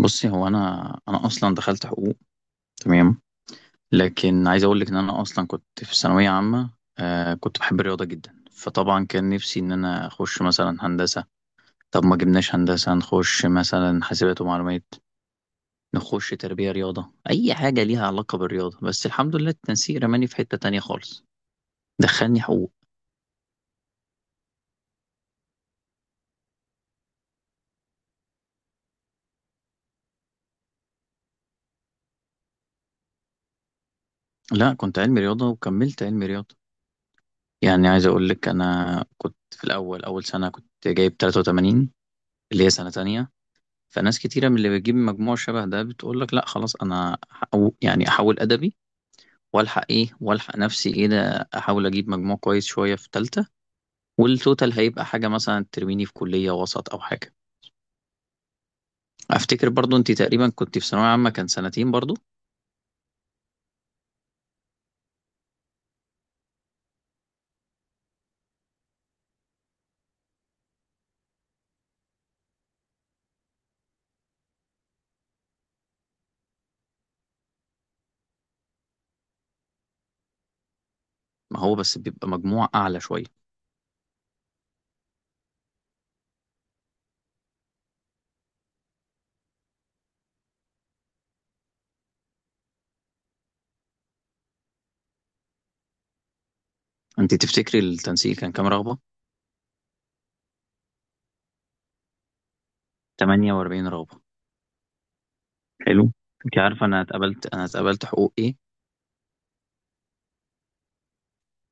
بصي، هو انا اصلا دخلت حقوق. تمام. لكن عايز اقول لك ان انا اصلا كنت في ثانويه عامه. كنت بحب الرياضه جدا، فطبعا كان نفسي ان انا اخش مثلا هندسه. طب ما جبناش هندسه، نخش مثلا حاسبات ومعلومات، نخش تربيه رياضه، اي حاجه ليها علاقه بالرياضه. بس الحمد لله التنسيق رماني في حته تانية خالص، دخلني حقوق. لا، كنت علمي رياضه وكملت علمي رياضه. يعني عايز اقول لك انا كنت في الاول اول سنه كنت جايب 83، اللي هي سنه تانية. فناس كتيرة من اللي بتجيب مجموع شبه ده بتقول لك لا خلاص، انا أو يعني احول ادبي والحق ايه والحق نفسي ايه، ده احاول اجيب مجموع كويس شوية في تالتة، والتوتال هيبقى حاجة مثلا ترميني في كلية وسط او حاجة. افتكر برضو انت تقريبا كنت في ثانوية عامة كان سنتين برضو. ما هو بس بيبقى مجموع اعلى شوية. انت تفتكري التنسيق كان كام رغبة؟ 48 رغبة. حلو. انت عارفة انا اتقبلت حقوق ايه؟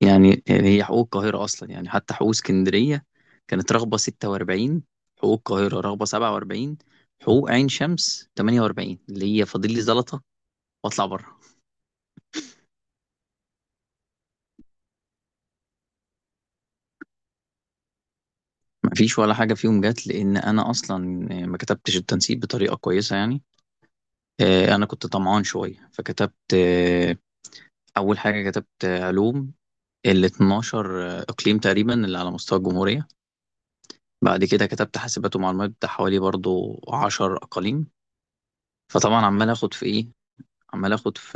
يعني هي حقوق القاهرة أصلا، يعني حتى حقوق اسكندرية كانت رغبة 46، حقوق القاهرة رغبة 47، حقوق عين شمس 48، اللي هي فاضل لي زلطة وأطلع بره. مفيش ولا حاجة فيهم جت، لأن أنا أصلا ما كتبتش التنسيق بطريقة كويسة يعني. أنا كنت طمعان شوية فكتبت، أول حاجة كتبت علوم، ال 12 إقليم تقريبا اللي على مستوى الجمهورية. بعد كده كتبت حاسبات ومعلومات بتاع حوالي برضو 10 أقاليم. فطبعا عمال اخد في ايه، عمال اخد في،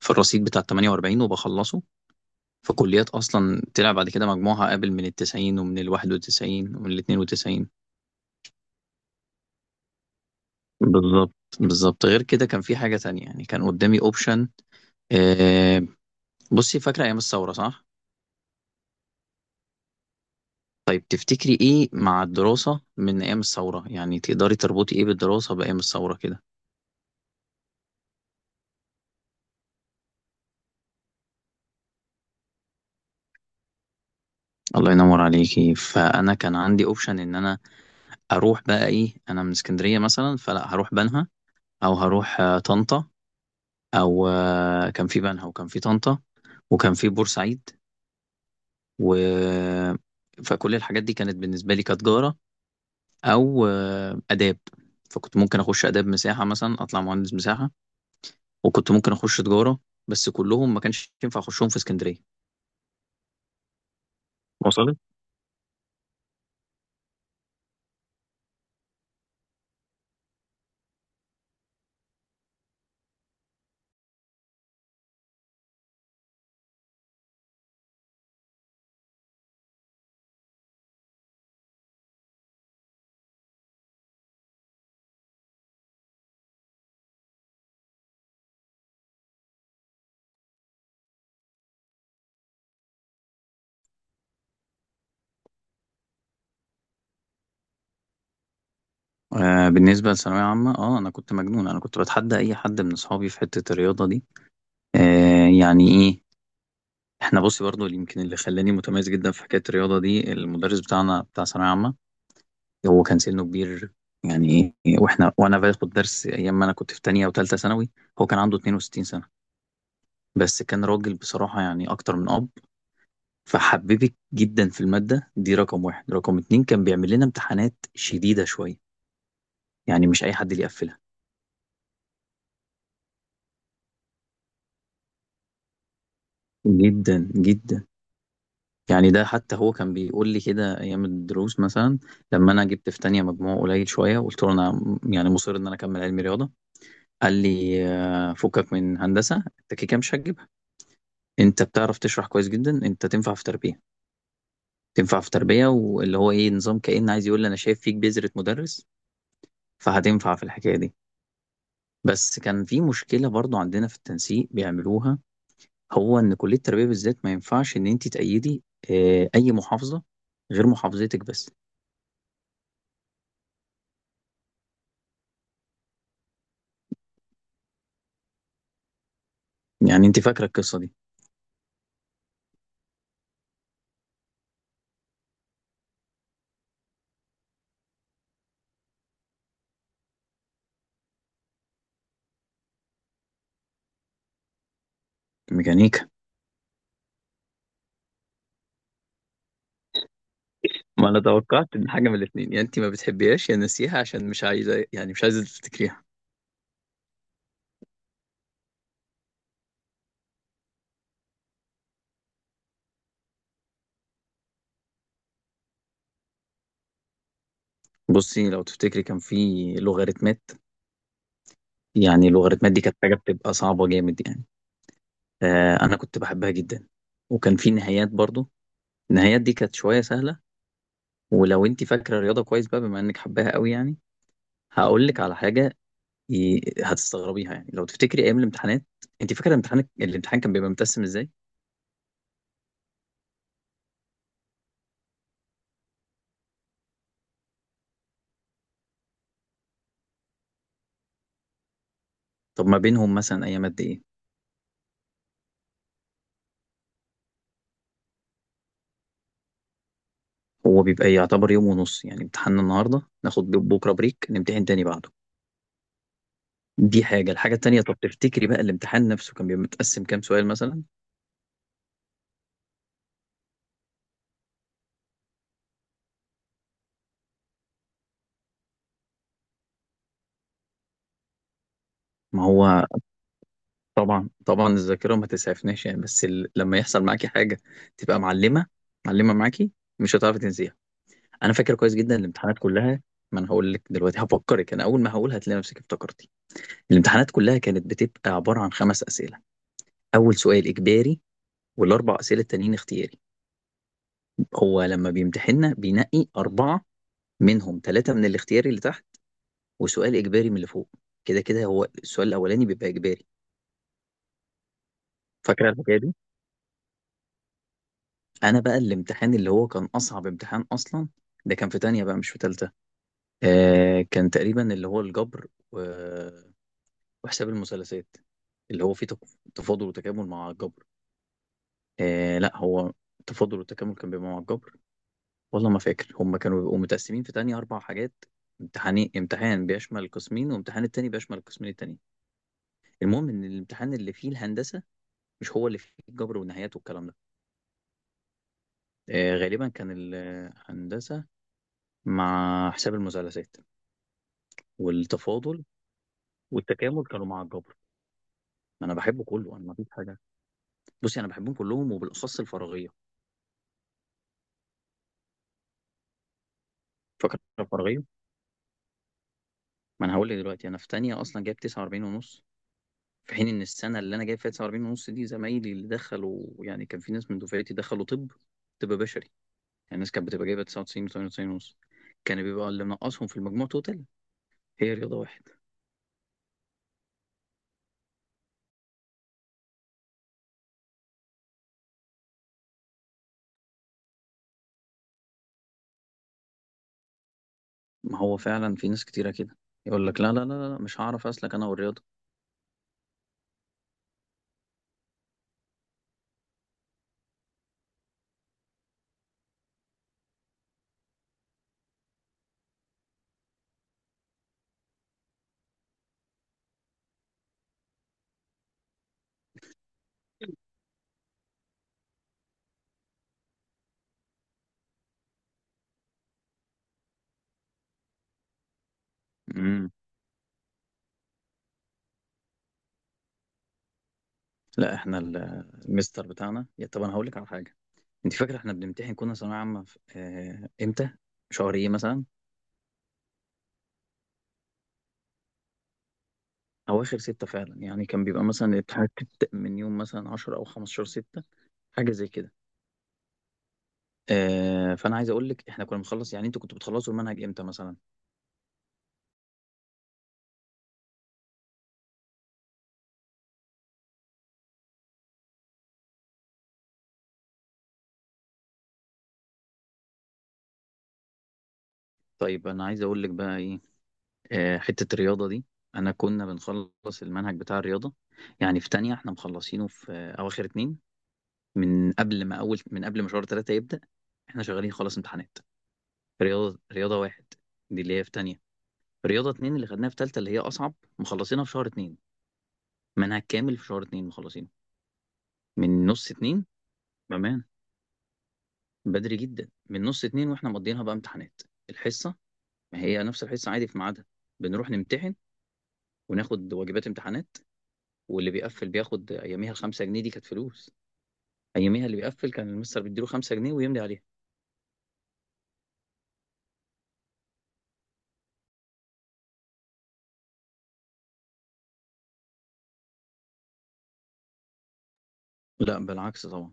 في الرصيد بتاع 48 وبخلصه في كليات اصلا طلع بعد كده مجموعها قابل من ال 90 ومن ال 91 ومن ال 92. بالظبط. بالظبط. غير كده كان في حاجة تانية، يعني كان قدامي اوبشن. آه. بصي، فاكرة ايام الثورة صح؟ طيب تفتكري ايه مع الدراسة من ايام الثورة؟ يعني تقدري تربطي ايه بالدراسة بايام الثورة كده؟ الله ينور عليكي. فانا كان عندي اوبشن ان انا اروح بقى ايه، انا من اسكندرية مثلا، فلا هروح بنها او هروح طنطا، او كان في بنها وكان في طنطا وكان في بورسعيد و، فكل الحاجات دي كانت بالنسبه لي كتجاره او اداب. فكنت ممكن اخش اداب مساحه مثلا، اطلع مهندس مساحه، وكنت ممكن اخش تجاره، بس كلهم ما كانش ينفع اخشهم في اسكندريه. وصلت. بالنسبه لثانويه عامه، اه انا كنت مجنون، انا كنت بتحدى اي حد من اصحابي في حته الرياضه دي. آه. يعني ايه، احنا بصي برضو اللي يمكن اللي خلاني متميز جدا في حكايه الرياضه دي المدرس بتاعنا بتاع ثانويه عامه، هو كان سنه كبير. يعني واحنا وانا باخد درس ايام ما انا كنت في تانية وتالتة ثانوي، هو كان عنده 62 سنة، بس كان راجل بصراحة يعني اكتر من اب، فحببك جدا في المادة دي. رقم واحد. رقم اتنين، كان بيعمل لنا امتحانات شديدة شوية، يعني مش اي حد اللي يقفلها. جدا جدا. يعني ده حتى هو كان بيقول لي كده ايام الدروس مثلا، لما انا جبت في تانية مجموع قليل شوية، قلت له انا يعني مصر ان انا اكمل علمي رياضة، قال لي فكك من هندسة، انت كده كده مش هتجيبها، انت بتعرف تشرح كويس جدا، انت تنفع في تربيه، تنفع في تربيه، واللي هو ايه، نظام كأن عايز يقول لي انا شايف فيك بذرة مدرس، فهتنفع في الحكايه دي. بس كان في مشكله برضو عندنا في التنسيق بيعملوها، هو ان كليه التربيه بالذات ما ينفعش ان انت تأيدي اه، اي محافظه غير محافظتك بس. يعني انت فاكره القصه دي. ميكانيكا. ما انا توقعت ان حاجه من الاثنين، يا انت ما بتحبيهاش يا ناسيها عشان مش عايزه، يعني مش عايزه تفتكريها. بصي، لو تفتكري كان في لوغاريتمات، يعني اللوغاريتمات دي كانت حاجة بتبقى صعبة جامد يعني. أنا كنت بحبها جدا. وكان في نهايات برضو، النهايات دي كانت شوية سهلة. ولو أنت فاكرة الرياضة كويس بقى بما إنك حباها قوي يعني، هقول لك على حاجة، هتستغربيها. يعني لو تفتكري أيام الامتحانات، أنت فاكرة الامتحان، الامتحان كان بيبقى متقسم إزاي؟ طب ما بينهم مثلا أيام قد إيه؟ هو بيبقى يعتبر يوم ونص، يعني امتحاننا النهاردة ناخد بكرة بريك نمتحن تاني بعده. دي حاجة. الحاجة التانية، طب تفتكري بقى الامتحان نفسه كان بيبقى متقسم كام سؤال مثلا؟ ما هو طبعا طبعا، الذاكره ما تسعفناش يعني، بس لما يحصل معاكي حاجه تبقى معلمه، معلمه معاكي، مش هتعرفي تنسيها. انا فاكر كويس جدا الامتحانات كلها. ما انا هقول لك دلوقتي هفكرك، انا اول ما هقول هتلاقي نفسك افتكرتي. الامتحانات كلها كانت بتبقى عباره عن خمس اسئله. اول سؤال اجباري، والاربع اسئله التانيين اختياري. هو لما بيمتحننا بينقي اربعه، منهم ثلاثه من الاختياري اللي تحت، وسؤال اجباري من اللي فوق. كده كده هو السؤال الاولاني بيبقى اجباري. فاكره الحكايه دي. انا بقى الامتحان اللي هو كان اصعب امتحان اصلا، ده كان في تانية بقى مش في تالتة. آه، كان تقريبا اللي هو الجبر و، وحساب المثلثات، اللي هو فيه تفاضل وتكامل مع الجبر. آه لا، هو تفاضل وتكامل كان بيبقى مع الجبر. والله ما فاكر، هم كانوا بيبقوا متقسمين في تانية اربع حاجات، امتحانين، امتحان بيشمل القسمين وامتحان التاني بيشمل القسمين التانيين. المهم ان الامتحان اللي فيه الهندسة مش هو اللي فيه الجبر والنهايات والكلام ده. آه، غالبا كان الهندسة مع حساب المثلثات، والتفاضل والتكامل كانوا مع الجبر. ما انا بحبه كله، انا ما فيش حاجه. بصي، انا بحبهم كلهم وبالاخص الفراغيه. فاكر الفراغيه. ما انا هقول لك دلوقتي، انا في تانية اصلا جايب 49 ونص. في حين ان السنه اللي انا جايب فيها 49 ونص دي، زمايلي اللي دخلوا يعني كان في ناس من دفعتي دخلوا طب، طب بشري. يعني الناس كانت بتبقى جايبه 99 و98 ونص. كان بيبقى اللي منقصهم في المجموع توتال هي رياضه واحد. ما هو فعلا في ناس كتيره كده، يقول لك لا لا لا لا مش هعرف اسلك انا والرياضه. امم. لا، احنا المستر بتاعنا، يا طب انا هقول لك على حاجه. انت فاكره احنا بنمتحن كنا ثانويه عامه امتى، شهر ايه مثلا؟ اواخر ستة فعلا، يعني كان بيبقى مثلا الامتحانات بتبدأ من يوم مثلا 10 او 15 ستة، حاجه زي كده. فانا عايز اقول لك احنا كنا بنخلص، يعني انتوا كنتوا بتخلصوا المنهج امتى مثلا؟ طيب انا عايز اقول لك بقى ايه، حته الرياضه دي، انا كنا بنخلص المنهج بتاع الرياضه. يعني في تانية احنا مخلصينه في اواخر اتنين، من قبل ما شهر تلاتة يبدأ احنا شغالين خلاص امتحانات. رياضه، رياضه واحد دي اللي هي في تانية. رياضة اتنين اللي خدناها في تالتة اللي هي أصعب، مخلصينها في شهر اتنين. منها كامل في شهر اتنين مخلصينه. من نص اتنين. بأمان. بدري جدا، من نص اتنين واحنا مقضيينها بقى امتحانات. الحصة، ما هي نفس الحصة عادي في ميعادها، بنروح نمتحن وناخد واجبات امتحانات، واللي بيقفل بياخد أياميها خمسة جنيه. دي كانت فلوس أياميها. اللي بيقفل كان المستر بيديله خمسة جنيه ويملي عليها. لا، بالعكس طبعا،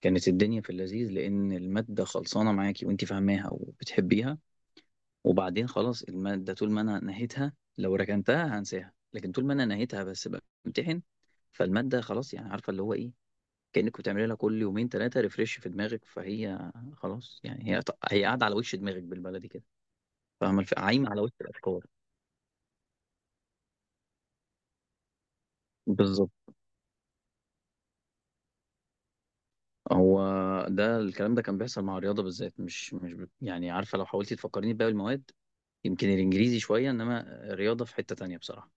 كانت الدنيا في اللذيذ، لأن المادة خلصانة معاكي وأنت فاهماها وبتحبيها. وبعدين خلاص المادة، طول ما أنا نهيتها، لو ركنتها هنساها، لكن طول ما أنا نهيتها بس بمتحن، فالمادة خلاص، يعني عارفة اللي هو إيه، كأنك بتعملي لها كل يومين ثلاثة ريفريش في دماغك، فهي خلاص يعني، هي قاعدة على وش دماغك بالبلدي كده. فاهمة، عايمة على وش الأفكار. بالظبط. هو ده الكلام ده كان بيحصل مع الرياضة بالذات، مش مش ب- يعني عارفة لو حاولتي تفكريني بباقي المواد، يمكن الإنجليزي شوية، إنما الرياضة في حتة تانية بصراحة.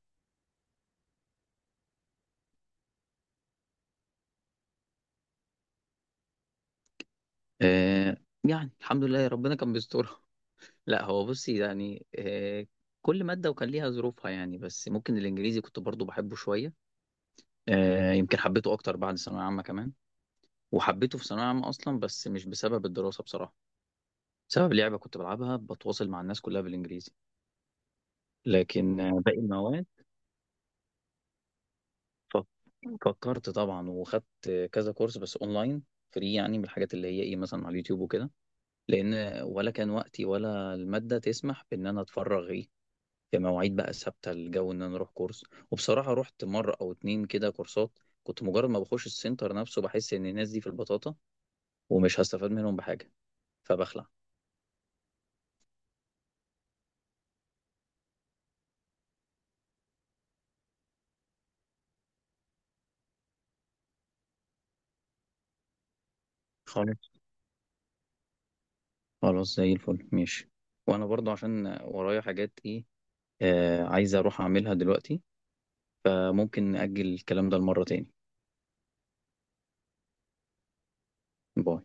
آه. يعني الحمد لله ربنا كان بيسترها. لا، هو بصي يعني، كل مادة وكان ليها ظروفها يعني، بس ممكن الإنجليزي كنت برضو بحبه شوية. يمكن حبيته أكتر بعد ثانوية عامة كمان. وحبيته في ثانوية عامة أصلا بس مش بسبب الدراسة بصراحة، بسبب لعبة كنت بلعبها بتواصل مع الناس كلها بالإنجليزي. لكن باقي المواد، ف- فكرت طبعا، وخدت كذا كورس بس أونلاين، فري يعني، من الحاجات اللي هي إيه مثلا على اليوتيوب وكده، لأن ولا كان وقتي ولا المادة تسمح بإن أنا أتفرغ إيه في مواعيد بقى ثابته، الجو ان انا اروح كورس. وبصراحه رحت مره او اتنين كده كورسات، كنت مجرد ما بخش السنتر نفسه بحس ان الناس دي في البطاطا ومش هستفاد منهم بحاجه، فبخلع. خلاص. خلاص، زي الفل ماشي. وانا برضو عشان ورايا حاجات ايه، آه عايز اروح اعملها دلوقتي. آه، ممكن نأجل الكلام ده لمره تاني. باي.